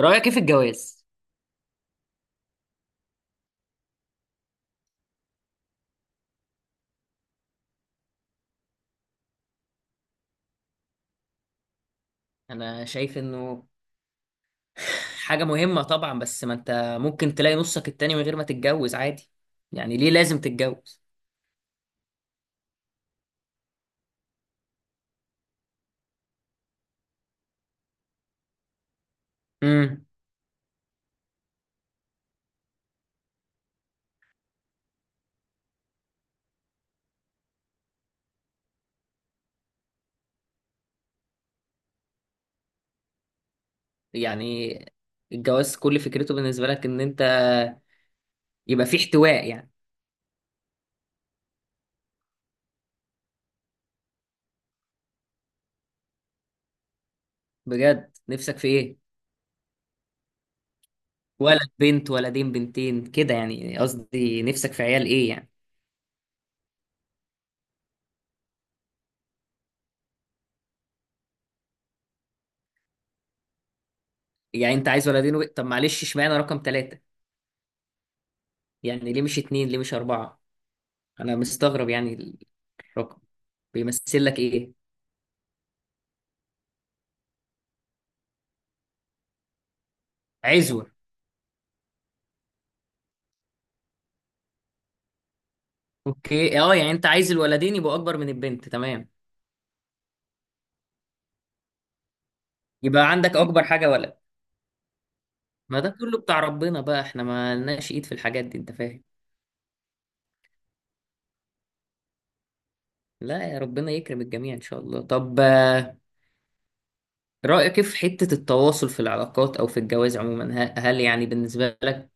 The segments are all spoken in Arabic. رأيك ايه في الجواز؟ انا شايف انه حاجة مهمة طبعا، بس ما انت ممكن تلاقي نصك التاني من غير ما تتجوز عادي. يعني ليه لازم تتجوز؟ امم يعني الجواز كل فكرته بالنسبة لك ان انت يبقى في احتواء يعني. بجد نفسك في ايه؟ ولد، بنت، ولدين، بنتين، كده، يعني قصدي نفسك في عيال ايه يعني؟ يعني انت عايز ولدين طب معلش اشمعنى رقم 3؟ يعني ليه مش 2، ليه مش 4؟ انا مستغرب يعني، الرقم بيمثل لك ايه؟ عزوة. اوكي، اه، يعني انت عايز الولدين يبقوا اكبر من البنت، تمام. يبقى عندك اكبر حاجه ولد. ما ده كله بتاع ربنا بقى، احنا ما لناش ايد في الحاجات دي، انت فاهم. لا، يا ربنا يكرم الجميع ان شاء الله. طب، رايك إيه في حته التواصل في العلاقات او في الجواز عموما؟ هل يعني بالنسبه لك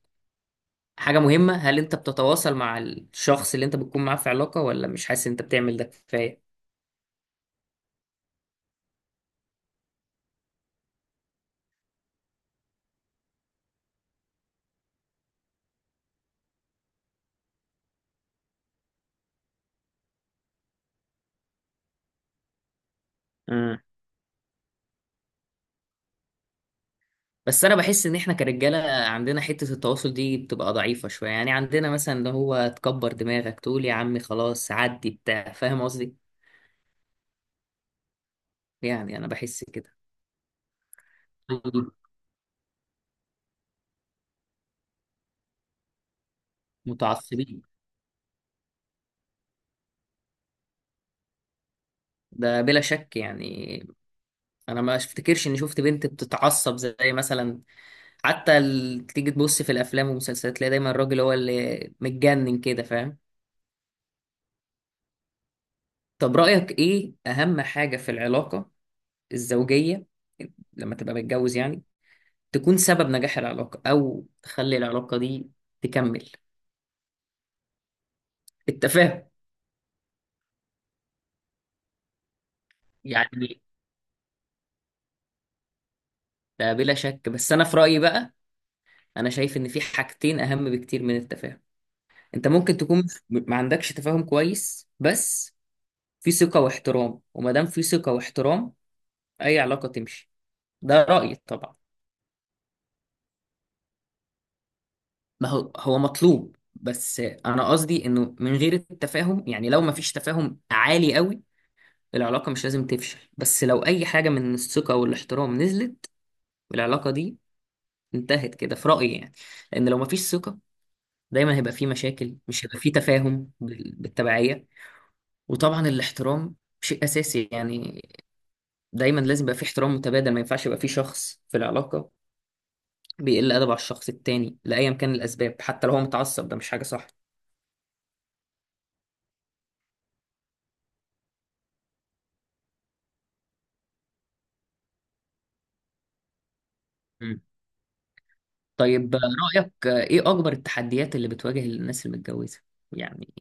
حاجه مهمه؟ هل انت بتتواصل مع الشخص اللي انت بتكون معاه في علاقه، ولا مش حاسس إن انت بتعمل ده كفايه؟ بس انا بحس ان احنا كرجاله عندنا حته التواصل دي بتبقى ضعيفه شويه، يعني عندنا مثلا اللي هو تكبر دماغك تقول يا عمي خلاص عدي بتاع، فاهم قصدي. يعني انا بحس كده. متعصبين. ده بلا شك يعني. انا ما افتكرش اني شفت بنت بتتعصب زي مثلا، حتى تيجي تبص في الافلام والمسلسلات تلاقي دايما الراجل هو اللي متجنن كده، فاهم. طب رايك ايه اهم حاجه في العلاقه الزوجيه لما تبقى متجوز، يعني تكون سبب نجاح العلاقة أو تخلي العلاقة دي تكمل؟ التفاهم. يعني ده بلا شك، بس أنا في رأيي بقى، أنا شايف إن في حاجتين أهم بكتير من التفاهم. أنت ممكن تكون ما عندكش تفاهم كويس، بس في ثقة واحترام، وما دام في ثقة واحترام أي علاقة تمشي. ده رأيي طبعا. ما هو هو مطلوب، بس أنا قصدي إنه من غير التفاهم، يعني لو ما فيش تفاهم عالي قوي العلاقة مش لازم تفشل، بس لو أي حاجة من الثقة والاحترام نزلت والعلاقة دي انتهت كده في رأيي يعني. لأن لو مفيش ثقة دايما هيبقى فيه مشاكل، مش هيبقى فيه تفاهم بالتبعية. وطبعا الاحترام شيء أساسي يعني، دايما لازم يبقى فيه احترام متبادل. ما ينفعش يبقى فيه شخص في العلاقة بيقل أدب على الشخص التاني لأيا كان الأسباب، حتى لو هو متعصب ده مش حاجة صح. مم. طيب، رأيك إيه أكبر التحديات اللي بتواجه الناس المتجوزة؟ يعني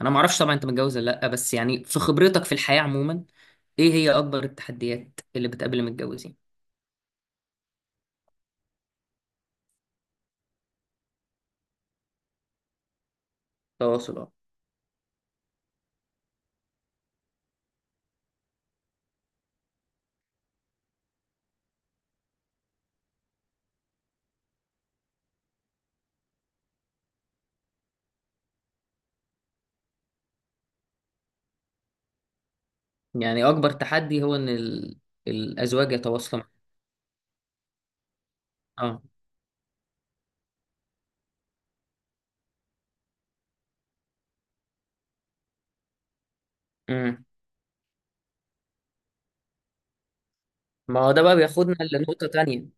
أنا معرفش طبعا أنت متجوز ولا لأ، بس يعني في خبرتك في الحياة عموما إيه هي أكبر التحديات اللي بتقابل المتجوزين؟ تواصل، اه. يعني اكبر تحدي هو ان الازواج يتواصلوا مع؟ اه. امم ما هو ده بقى بياخدنا لنقطة تانية.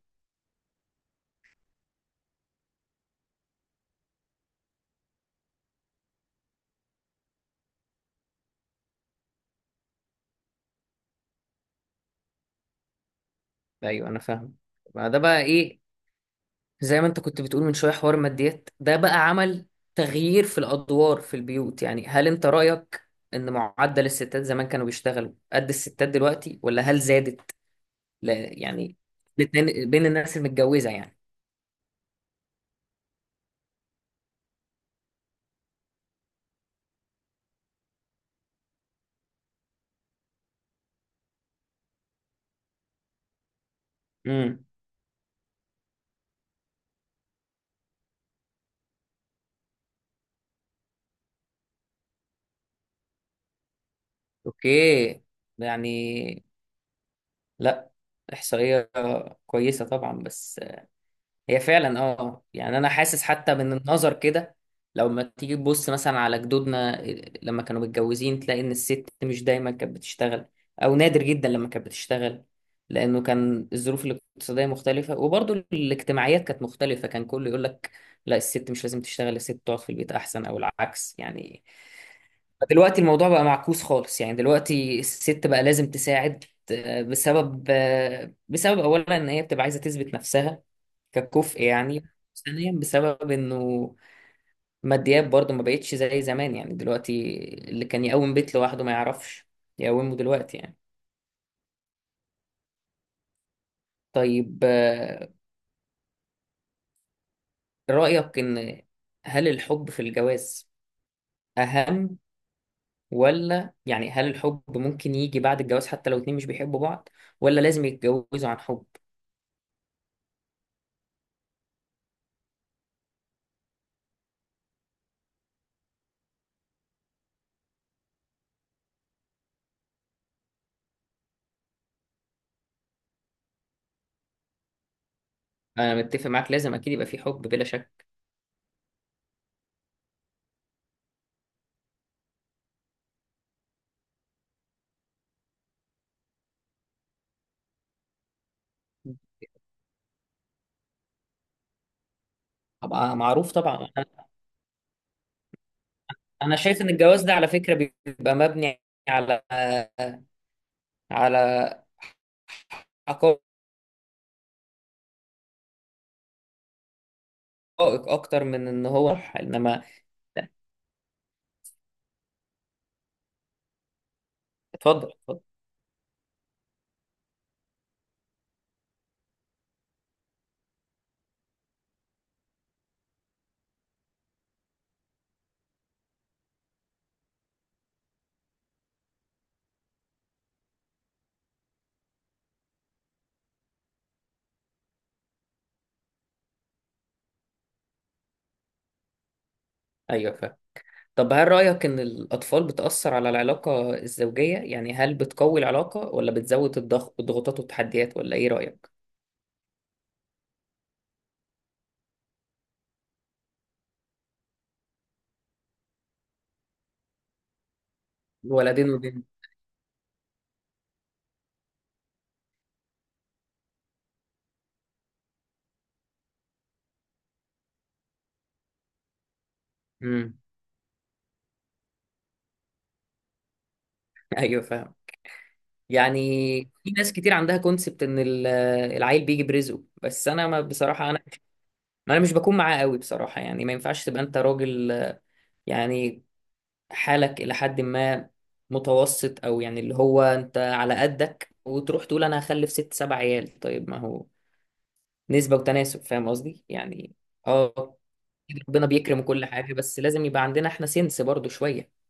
ايوه انا فاهم، ما ده بقى ايه، زي ما انت كنت بتقول من شوية، حوار ماديات ده بقى عمل تغيير في الادوار في البيوت. يعني هل انت رأيك ان معدل الستات زمان كانوا بيشتغلوا قد الستات دلوقتي، ولا هل زادت؟ لا يعني بين الناس المتجوزة يعني. امم اوكي، يعني لا، احصائية كويسة طبعا، بس هي فعلا اه يعني انا حاسس حتى من النظر كده. لو ما تيجي تبص مثلا على جدودنا لما كانوا متجوزين تلاقي ان الست مش دايما كانت بتشتغل، او نادر جدا لما كانت بتشتغل، لانه كان الظروف الاقتصاديه مختلفه وبرضه الاجتماعيات كانت مختلفه، كان كله يقول لك لا الست مش لازم تشتغل، الست تقعد في البيت احسن، او العكس يعني. دلوقتي الموضوع بقى معكوس خالص، يعني دلوقتي الست بقى لازم تساعد، بسبب، بسبب اولا ان هي بتبقى عايزه تثبت نفسها ككفء يعني. ثانيا بسبب انه ماديات برضه ما بقتش زي زمان، يعني دلوقتي اللي كان يقوم بيت لوحده ما يعرفش يقومه دلوقتي يعني. طيب، رأيك ان هل الحب في الجواز اهم، ولا يعني هل الحب ممكن يجي بعد الجواز حتى لو اتنين مش بيحبوا بعض، ولا لازم يتجوزوا عن حب؟ انا متفق معاك، لازم اكيد يبقى في حب بلا شك. طبعا معروف طبعا، أنا شايف ان الجواز ده على فكرة بيبقى مبني على على حقائق اكتر من ان هو صح، انما اتفضل اتفضل. ايوه فاهم. طب هل رأيك ان الاطفال بتأثر على العلاقة الزوجية، يعني هل بتقوي العلاقة ولا بتزود الضغوطات والتحديات، ولا ايه رأيك؟ الولدين وبنت. امم ايوه فاهم. يعني في ناس كتير عندها كونسبت ان العيل بيجي برزقه، بس انا، ما بصراحة انا مش بكون معاه قوي بصراحة يعني. ما ينفعش تبقى انت راجل يعني حالك إلى حد ما متوسط، أو يعني اللي هو أنت على قدك، وتروح تقول أنا هخلف 6 7 عيال، طيب ما هو نسبة وتناسب، فاهم قصدي؟ يعني، آه ربنا بيكرم كل حاجة، بس لازم يبقى عندنا إحنا سنس برضو شوية.